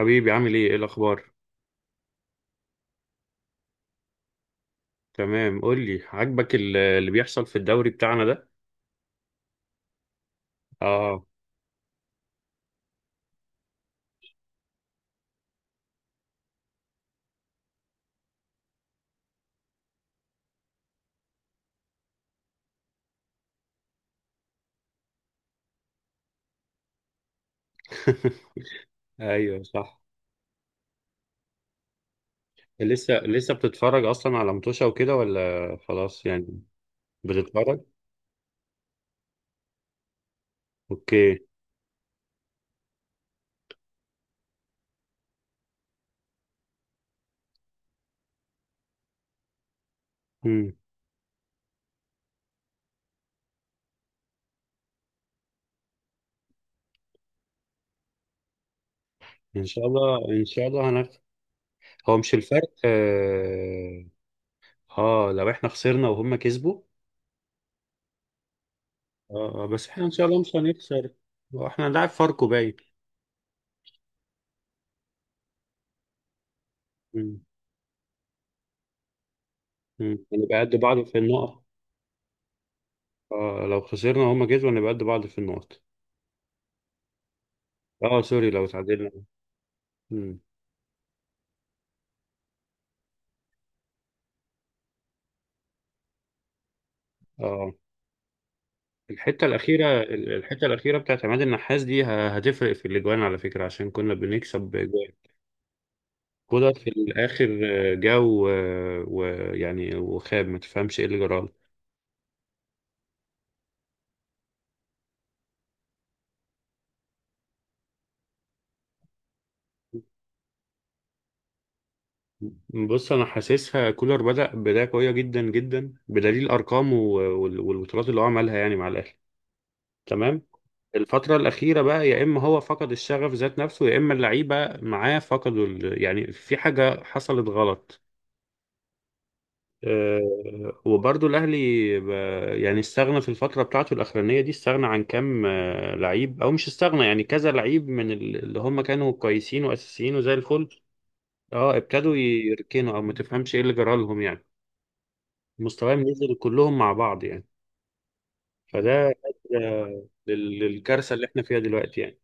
حبيبي، عامل ايه الاخبار؟ تمام، قول لي، عاجبك اللي بيحصل في الدوري بتاعنا ده؟ اه. ايوه، صح. لسه بتتفرج اصلا على متوشة وكده ولا خلاص يعني؟ بتتفرج. اوكي. امم. ان شاء الله، ان شاء الله هو مش الفرق. اه, لو احنا خسرنا وهم كسبوا. آه، آه، بس احنا ان شاء الله مش هنخسر. احنا هنلعب فاركو باين. امم. هنبقى قد بعض في النقط. لو خسرنا وهم كسبوا هنبقى قد بعض في النقط. اه، سوري، لو تعادلنا. مم. اه. الحته الاخيره بتاعت عماد النحاس دي هتفرق في الاجوان على فكره، عشان كنا بنكسب جوان. كولر في الاخر. جا ويعني وخاب، ما تفهمش ايه اللي جرى له. بص، انا حاسسها كولر بدا بدايه قويه جدا جدا، بدليل ارقامه والبطولات اللي هو عملها يعني مع الاهلي. تمام. الفترة الأخيرة بقى، يا إما هو فقد الشغف ذات نفسه، يا إما اللعيبة معاه فقدوا، يعني في حاجة حصلت غلط. وبرضو الأهلي ب- يعني استغنى في الفترة بتاعته الأخرانية دي، استغنى عن كام لعيب، أو مش استغنى يعني كذا لعيب من اللي هم كانوا كويسين وأساسيين وزي الفل. اه، ابتدوا يركنوا أو ما تفهمش إيه اللي جرى لهم يعني. مستواهم نزل كلهم مع بعض يعني. فده أدى للكارثة اللي إحنا فيها دلوقتي يعني.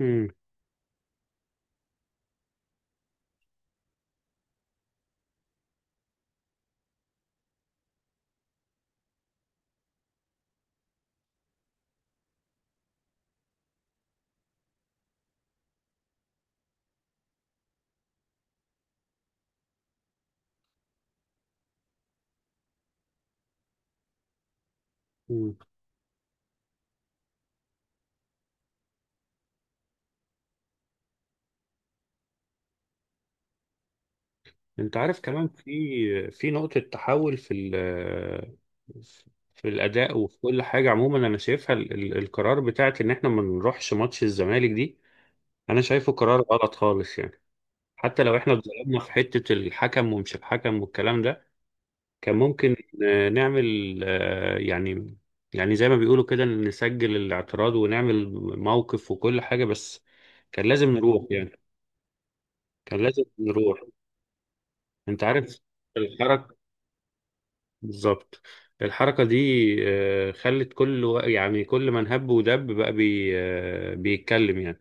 مم. مم. انت عارف، كمان في نقطة تحول في الأداء وفي كل حاجة عموما، أنا شايفها القرار بتاعت إن إحنا ما نروحش ماتش الزمالك دي. أنا شايفه قرار غلط خالص يعني. حتى لو إحنا اتظلمنا في حتة الحكم، ومش الحكم والكلام ده، كان ممكن نعمل، يعني زي ما بيقولوا كده نسجل الاعتراض ونعمل موقف وكل حاجة، بس كان لازم نروح يعني. كان لازم نروح. انت عارف الحركة، بالظبط، الحركة دي خلت كل يعني كل من هب ودب بقى بي آه، بيتكلم يعني.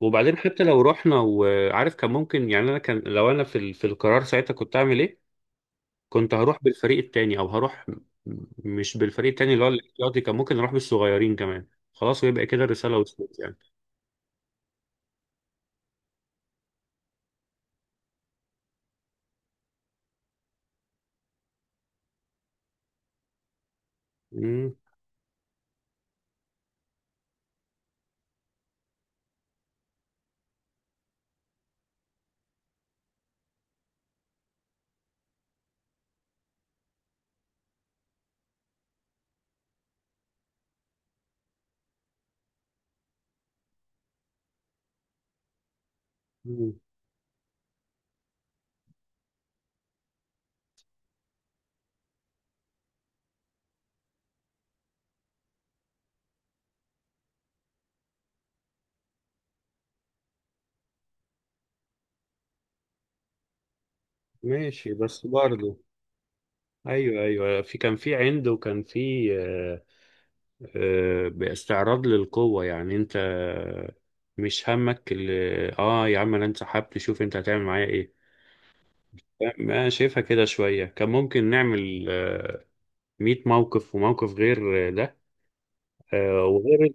وبعدين حتى لو رحنا وعارف كان ممكن يعني، انا كان لو انا في القرار ساعتها كنت اعمل ايه؟ كنت هروح بالفريق التاني او هروح. مش بالفريق التاني اللي هو الاحتياطي، كان ممكن اروح بالصغيرين كمان. خلاص، ويبقى كده الرسالة وصلت يعني. مم. مم. ماشي، بس برضه، ايوه، ايوه، في كان في عند، وكان في باستعراض للقوة يعني، انت مش همك اللي. اه، يا عم، انا انسحبت، شوف انت هتعمل معايا ايه. ما شايفها كده شوية، كان ممكن نعمل 100 موقف، وموقف غير ده، وغير.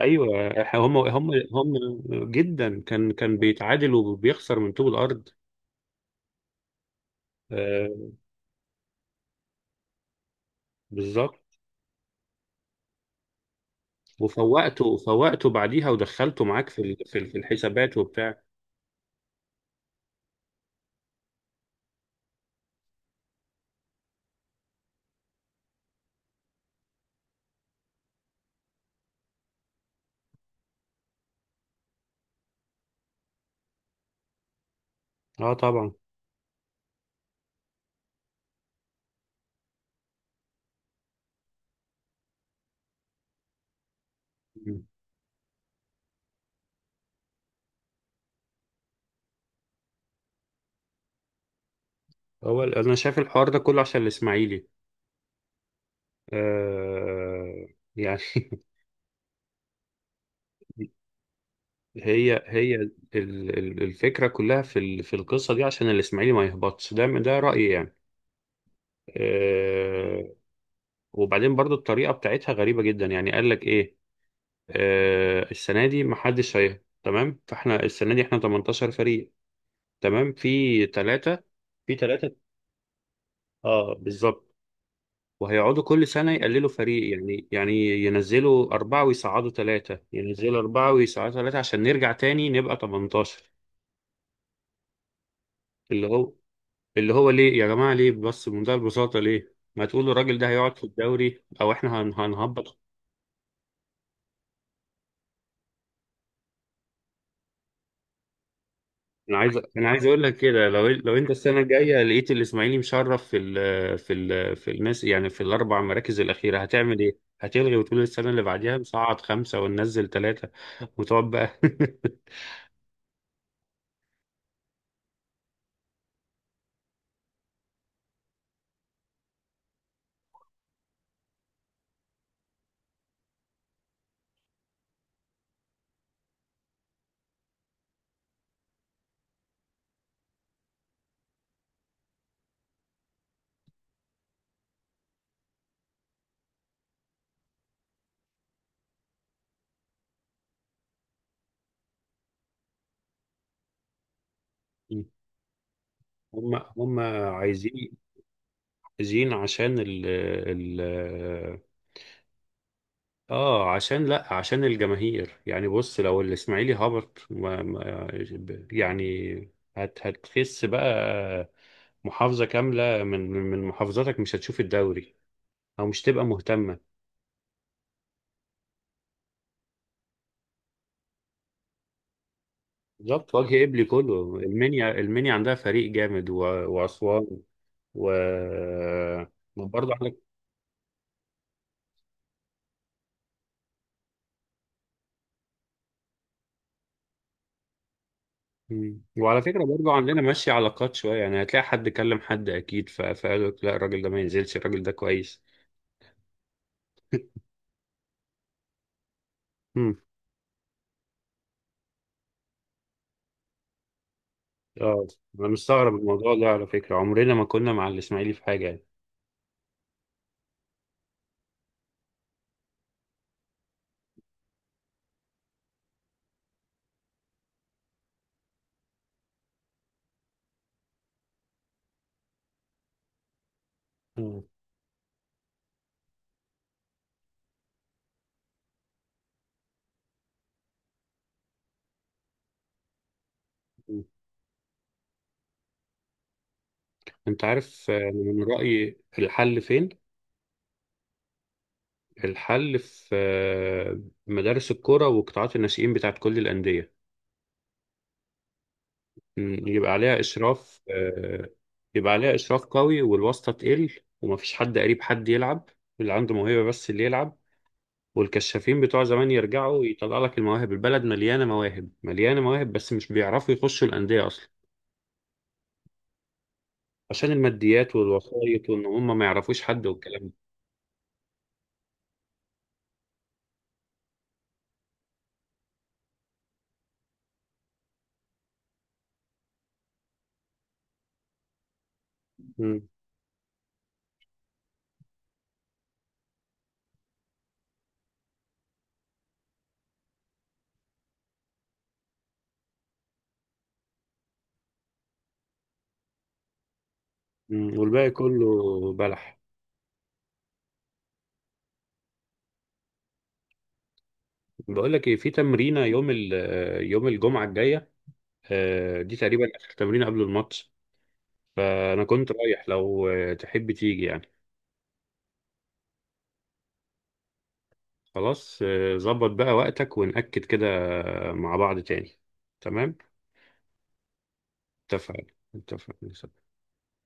ايوه، هم هم هم جدا، كان بيتعادل وبيخسر من طوب الارض. آه، بالظبط. وفوقته بعديها ودخلته معاك في الحسابات وبتاع. اه، طبعا. هو انا شايف الحوار ده كله عشان الاسماعيلي. آه. يعني. هي الفكرة كلها في القصة دي عشان الإسماعيلي ما يهبطش، ده رأيي يعني. آه. وبعدين برضو الطريقة بتاعتها غريبة جدا يعني، قال لك إيه؟ آه، السنة دي محدش هيهبط تمام، فاحنا السنة دي احنا 18 فريق. تمام، في ثلاثة. في ثلاثة. اه، بالظبط. وهيقعدوا كل سنة يقللوا فريق، يعني ينزلوا أربعة ويصعدوا ثلاثة، ينزلوا أربعة ويصعدوا ثلاثة، عشان نرجع تاني نبقى 18. اللي هو اللي هو ليه يا جماعة، ليه بس، بمنتهى البساطة، ليه ما تقولوا الراجل ده هيقعد في الدوري أو إحنا هنهبط. أنا عايز أقول لك كده، لو أنت السنة الجاية لقيت الإسماعيلي مشرف في الناس، يعني في الأربع مراكز الأخيرة، هتعمل إيه؟ هتلغي وتقول السنة اللي بعديها نصعد خمسة وننزل ثلاثة، وتقعد بقى؟ هم هم. عايزين عايزين عشان ال اه عشان لا عشان الجماهير يعني. بص، لو الاسماعيلي هبط، ما يعني، هتخس بقى. محافظة كاملة من محافظاتك مش هتشوف الدوري، او مش تبقى مهتمة. بالظبط، وجه قبلي كله، المنيا، المنيا عندها فريق جامد واسوان و وبرضه عندك. مم. وعلى فكرة برضو، عندنا ماشية علاقات شوية يعني، هتلاقي حد كلم حد أكيد، فقال لك لا، الراجل ده ما ينزلش، الراجل ده كويس. مم. اه، أنا مستغرب الموضوع ده على فكرة، عمرنا ما كنا مع الإسماعيلي في حاجة يعني. مم. مم. أنت عارف، من رأيي الحل فين؟ الحل في مدارس الكرة وقطاعات الناشئين بتاعت كل الأندية. مم. يبقى عليها إشراف قوي، والواسطة تقل، ومفيش حد قريب حد يلعب، اللي عنده موهبة بس اللي يلعب. والكشافين بتوع زمان يرجعوا، يطلع لك المواهب، البلد مليانة مواهب مليانة مواهب، بس مش بيعرفوا يخشوا الأندية أصلا، عشان الماديات والوسائط وإن هم ما يعرفوش حد والكلام ده. مم. مم. والباقي كله بلح. بقول لك إيه، في تمرينة يوم الجمعة الجاية، دي تقريبا آخر تمرينة قبل الماتش. فأنا كنت رايح، لو تحب تيجي يعني. خلاص، ظبط بقى وقتك ونأكد كده مع بعض تاني. تمام. اتفقنا. اتفقنا.